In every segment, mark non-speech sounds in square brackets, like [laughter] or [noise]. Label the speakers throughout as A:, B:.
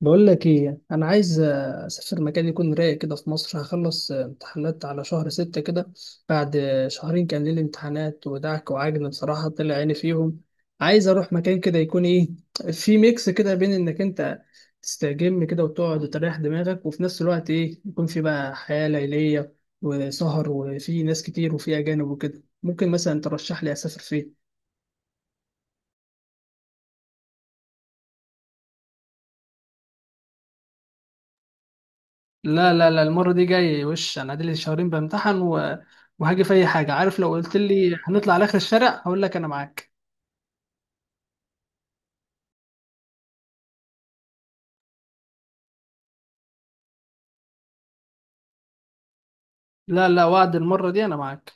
A: بقول لك ايه. انا عايز اسافر مكان يكون رايق كده في مصر. هخلص امتحانات على شهر ستة كده. بعد شهرين كان لي امتحانات ودعك وعجن، بصراحة طلع عيني فيهم. عايز اروح مكان كده يكون ايه، في ميكس كده بين انك انت تستجم كده وتقعد وتريح دماغك، وفي نفس الوقت ايه يكون في بقى حياة ليلية وسهر وفي ناس كتير وفي اجانب وكده. ممكن مثلا ترشح لي اسافر فين؟ لا لا لا، المرة دي جاي. وش انا لي شهرين بامتحن وهاجي في اي حاجة، عارف؟ لو قلت لي هنطلع على اخر الشارع هقول لك انا معاك. لا لا، وعد المرة دي انا معاك.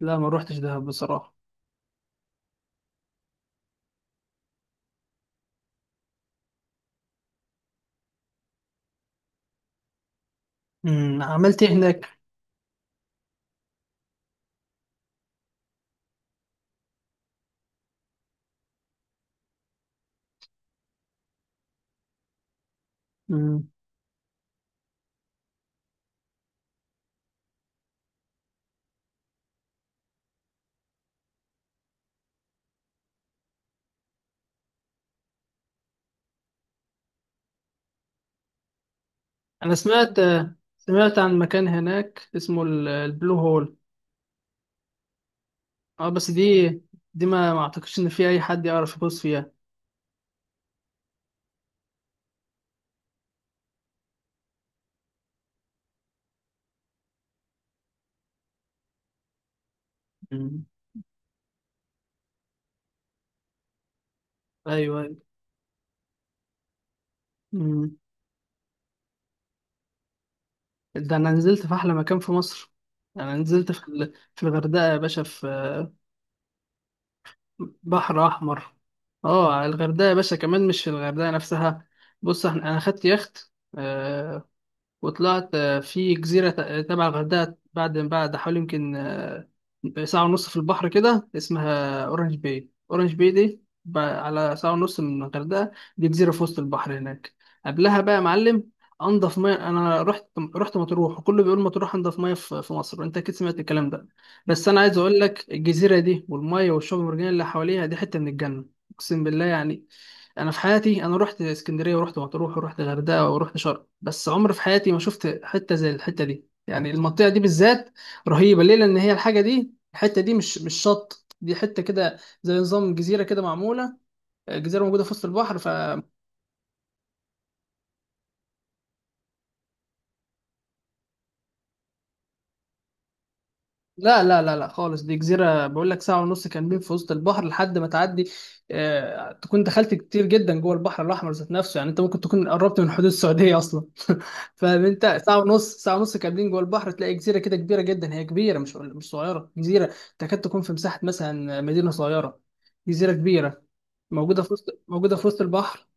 A: لا، ما روحتش دهب بصراحة. عملت ايه هناك؟ امم انا سمعت، سمعت عن مكان هناك اسمه البلو هول. اه، بس دي، دي ما اعتقدش ان في اي حد يعرف يغوص فيها. امم ايوه ايوه. امم ده انا نزلت في احلى مكان في مصر. انا نزلت في في الغردقة يا باشا، في بحر احمر. اه، على الغردقه يا باشا، كمان مش في الغردقه نفسها. بص، احنا انا خدت يخت، آه، وطلعت في جزيرة تبع الغردقة بعد حوالي يمكن ساعة ونص في البحر كده، اسمها أورنج باي. أورنج باي دي على ساعة ونص من الغردقة. دي جزيرة في وسط البحر هناك. قبلها بقى يا معلم، أنضف مية أنا رحت، رحت مطروح، وكله بيقول مطروح أنضف مية في مصر، وأنت أكيد سمعت الكلام ده. بس أنا عايز أقول لك، الجزيرة دي والمية والشعب المرجانية اللي حواليها دي حتة من الجنة. أقسم بالله يعني. انا في حياتي انا رحت اسكندريه ورحت مطروح ورحت الغردقه ورحت شرم، بس عمري في حياتي ما شفت حته زي الحته دي، يعني المنطقه دي بالذات. رهيبه ليه؟ لان هي الحاجه دي، الحته دي مش شط، دي حته كده زي نظام جزيره كده معموله. جزيره موجوده في وسط البحر، ف- لا لا لا لا خالص، دي جزيره بقول لك، ساعه ونص كاملين في وسط البحر، لحد ما تعدي تكون دخلت كتير جدا جوه البحر الاحمر ذات نفسه. يعني انت ممكن تكون قربت من حدود السعوديه اصلا، فاهم انت؟ ساعه ونص، ساعه ونص كاملين جوه البحر، تلاقي جزيره كده كبيره جدا، هي كبيره مش صغيره جزيره، تكاد تكون في مساحه مثلا مدينه صغيره. جزيره كبيره موجوده في وسط، موجوده في وسط البحر.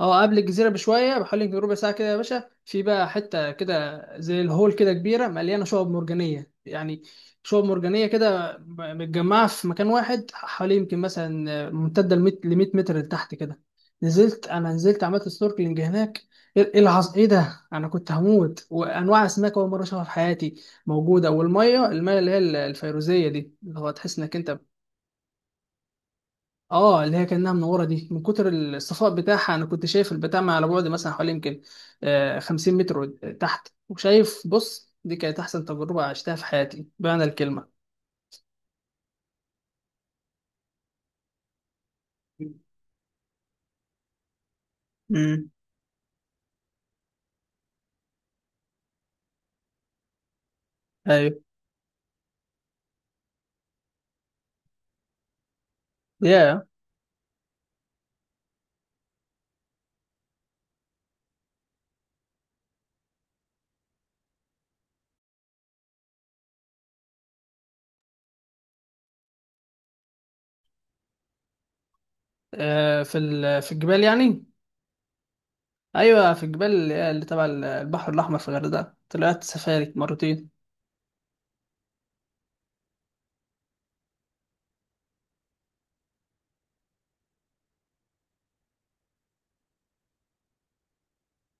A: اه، قبل الجزيره بشويه، بحوالي يمكن ربع ساعه كده يا باشا، في بقى حته كده زي الهول كده، كبيره مليانه شعب مرجانيه يعني. شعب مرجانيه كده متجمعه في مكان واحد، حوالي يمكن مثلا ممتده ل 100 متر لتحت كده. نزلت، انا نزلت عملت سنوركلينج هناك. ايه، إيه العظ، ايه ده! انا كنت هموت. وانواع اسماك اول مره اشوفها في حياتي موجوده، والميه، الميه اللي هي الفيروزيه دي، اللي هو تحس انك انت، اه اللي هي كانها منوره دي، من كتر الصفاء بتاعها انا كنت شايف البتاع على بعد مثلا حوالي يمكن 50 متر تحت وشايف. بص، دي كانت احسن تجربه عشتها في حياتي بمعنى الكلمه. امم ايوه يا في في الجبال يعني. ايوه، في الجبال اللي اللي تبع البحر الاحمر في الغردقه، طلعت سفاري مرتين.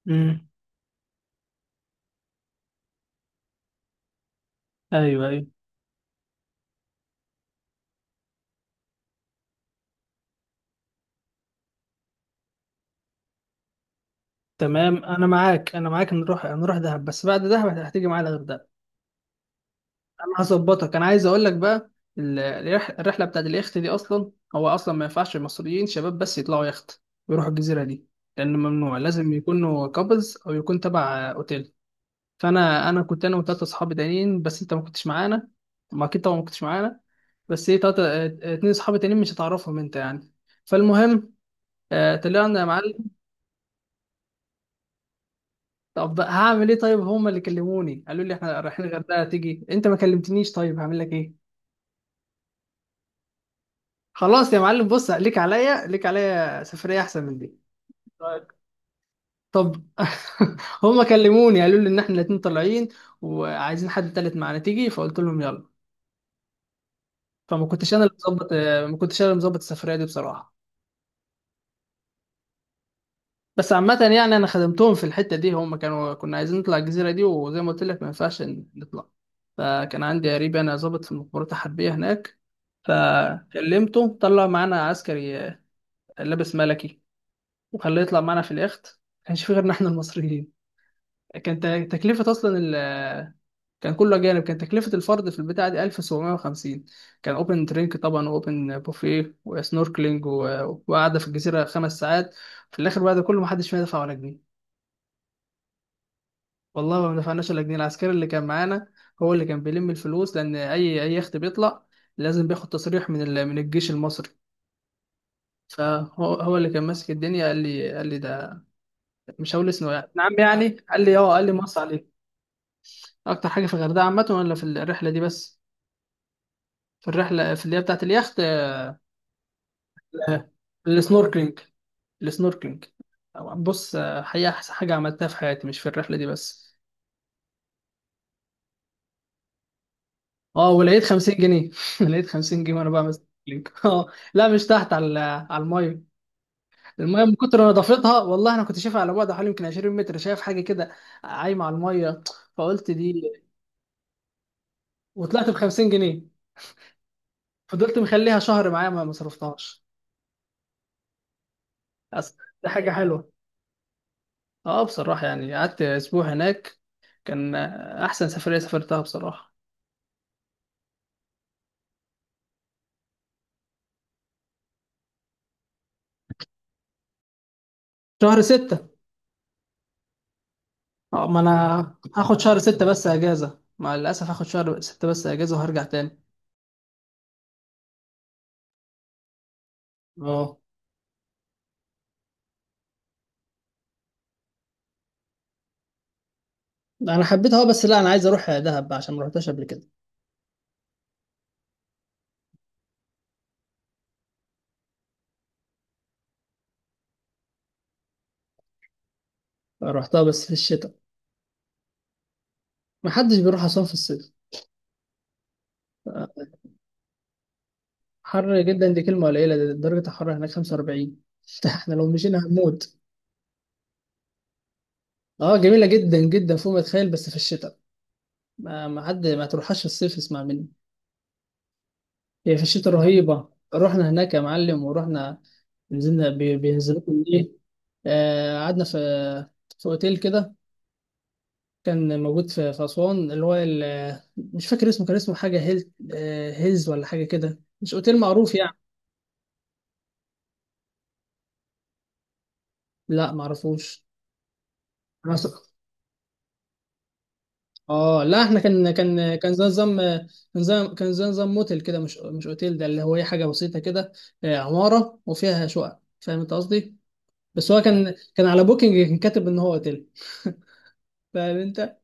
A: امم ايوه ايوه. تمام، انا معاك انا معاك، نروح، نروح دهب، بس بعد دهب هتيجي معايا الغردقه. انا هظبطك. انا عايز اقول لك بقى، الرحله بتاعت اليخت دي، اصلا هو اصلا ما ينفعش المصريين شباب بس يطلعوا يخت ويروحوا الجزيره دي، لان ممنوع، لازم يكونوا كابلز او يكون تبع اوتيل. فانا كنت انا وثلاثه اصحابي تانيين بس، انت ما كنتش معانا. ما اكيد طبعا ما كنتش معانا. بس ايه، تلاتة، اتنين اصحابي تانيين مش هتعرفهم انت يعني. فالمهم، طلعنا يا معلم. طب هعمل ايه؟ طيب هما اللي كلموني، قالوا لي احنا رايحين الغردقه تيجي، انت ما كلمتنيش، طيب هعمل لك ايه؟ خلاص يا معلم، بص ليك عليا، ليك عليا سفريه احسن من دي. طيب. طب [laughs] هما كلموني، قالوا لي ان احنا الاتنين طالعين وعايزين حد تالت معانا تيجي، فقلت لهم يلا. فما كنتش انا اللي مظبط، ما كنتش انا اللي مظبط السفريه دي بصراحه. بس عامه يعني، انا خدمتهم في الحته دي. هما كانوا، كنا عايزين نطلع الجزيره دي، وزي ما قلت لك ما ينفعش نطلع. فكان عندي قريب انا، ظابط في المخابرات الحربيه هناك، فكلمته طلع معانا عسكري، لابس ملكي، وخلاه يطلع معانا في اليخت. ما كانش في غيرنا احنا المصريين، كانت تكلفة أصلا ال كان كله أجانب، كان تكلفة الفرد في البتاعة دي 1750. كان أوبن درينك طبعا، وأوبن بوفيه وسنوركلينج وقعدة في الجزيرة 5 ساعات. في الآخر بعد كله، محدش فينا دفع ولا جنيه. والله ما دفعناش ولا جنيه. العسكري اللي كان معانا هو اللي كان بيلم الفلوس، لأن أي يخت بيطلع لازم بياخد تصريح من من الجيش المصري. فهو، هو اللي كان ماسك الدنيا. قال لي، قال لي ده مش هقول اسمه يعني، نعم يعني، قال لي اه قال لي مصر عليك. اكتر حاجه في الغردقه عامه ولا في الرحله دي بس؟ في الرحله، في اللي هي بتاعت اليخت. آه، السنوركلينج، السنوركلينج. بص، حقيقه احسن حاجه عملتها في حياتي، مش في الرحله دي بس. اه، ولقيت 50 جنيه. [laughs] لقيت 50 جنيه وانا بعمل سنوركلينج. [laughs] اه، لا مش تحت، على على الميه. الميه من كتر نظافتها، والله انا كنت شايفها على بعد حوالي يمكن 20 متر، شايف حاجه كده عايمه على الميه، فقلت دي، وطلعت ب 50 جنيه. فضلت مخليها شهر معايا ما صرفتهاش. أصل دي حاجة حلوة. اه، بصراحة يعني قعدت اسبوع هناك، كان احسن سفرية سافرتها بصراحة. شهر ستة. اه، ما انا هاخد شهر ستة بس اجازة، مع الاسف هاخد شهر ستة بس اجازة وهرجع تاني. اه، انا حبيتها اه، بس لا، انا عايز اروح دهب عشان ما رحتهاش قبل كده. رحتها بس في الشتاء. ما حدش بيروح اصلا في الصيف. آه، حر جدا دي كلمه قليله، ده درجه الحراره هناك 45. [laughs] احنا لو مشينا هنموت. اه، جميلة جدا جدا فوق ما تتخيل، بس في الشتاء. ما تروحهاش في الصيف، اسمع مني. هي في الشتاء رهيبة. رحنا هناك يا معلم ورحنا، نزلنا بينزلوكم ايه، قعدنا في، في اوتيل كده، كان موجود في في أسوان، اللي هو مش فاكر اسمه، كان اسمه حاجة هيل، هيلز ولا حاجة كده، مش اوتيل معروف يعني. لا معرفوش. اه، لا احنا كان زي نظام، كان زي، كان زي نظام موتيل كده، مش اوتيل، ده اللي هو ايه، حاجه بسيطه كده، عماره وفيها شقق، فاهم انت قصدي؟ بس هو كان، كان على بوكينج كان كاتب ان هو اوتيل. [laughs] فاهم انت؟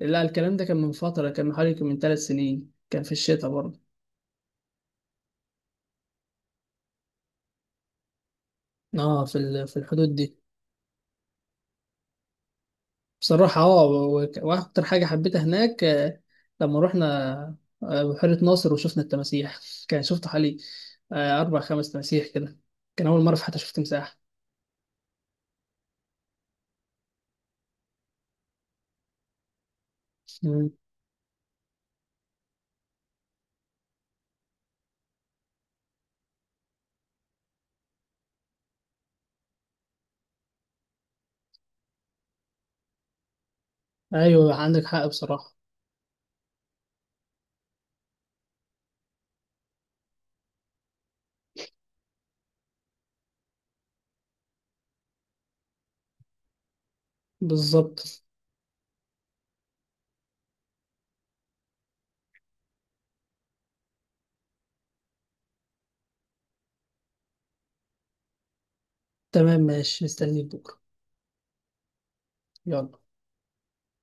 A: لا الكلام ده كان من فتره، كان من حوالي من 3 سنين، كان في الشتاء برضه. اه، في في الحدود دي. بصراحة اه وأكتر حاجة حبيتها هناك لما رحنا بحيرة ناصر وشفنا التماسيح. [laughs] كان شفت حوالي 4 أو 5 تماسيح كده. كان أول مرة في حياتي شفت تمساح. مم. أيوة عندك حق بصراحة. بالظبط. تمام ماشي، مستنيك بكرة. يلا.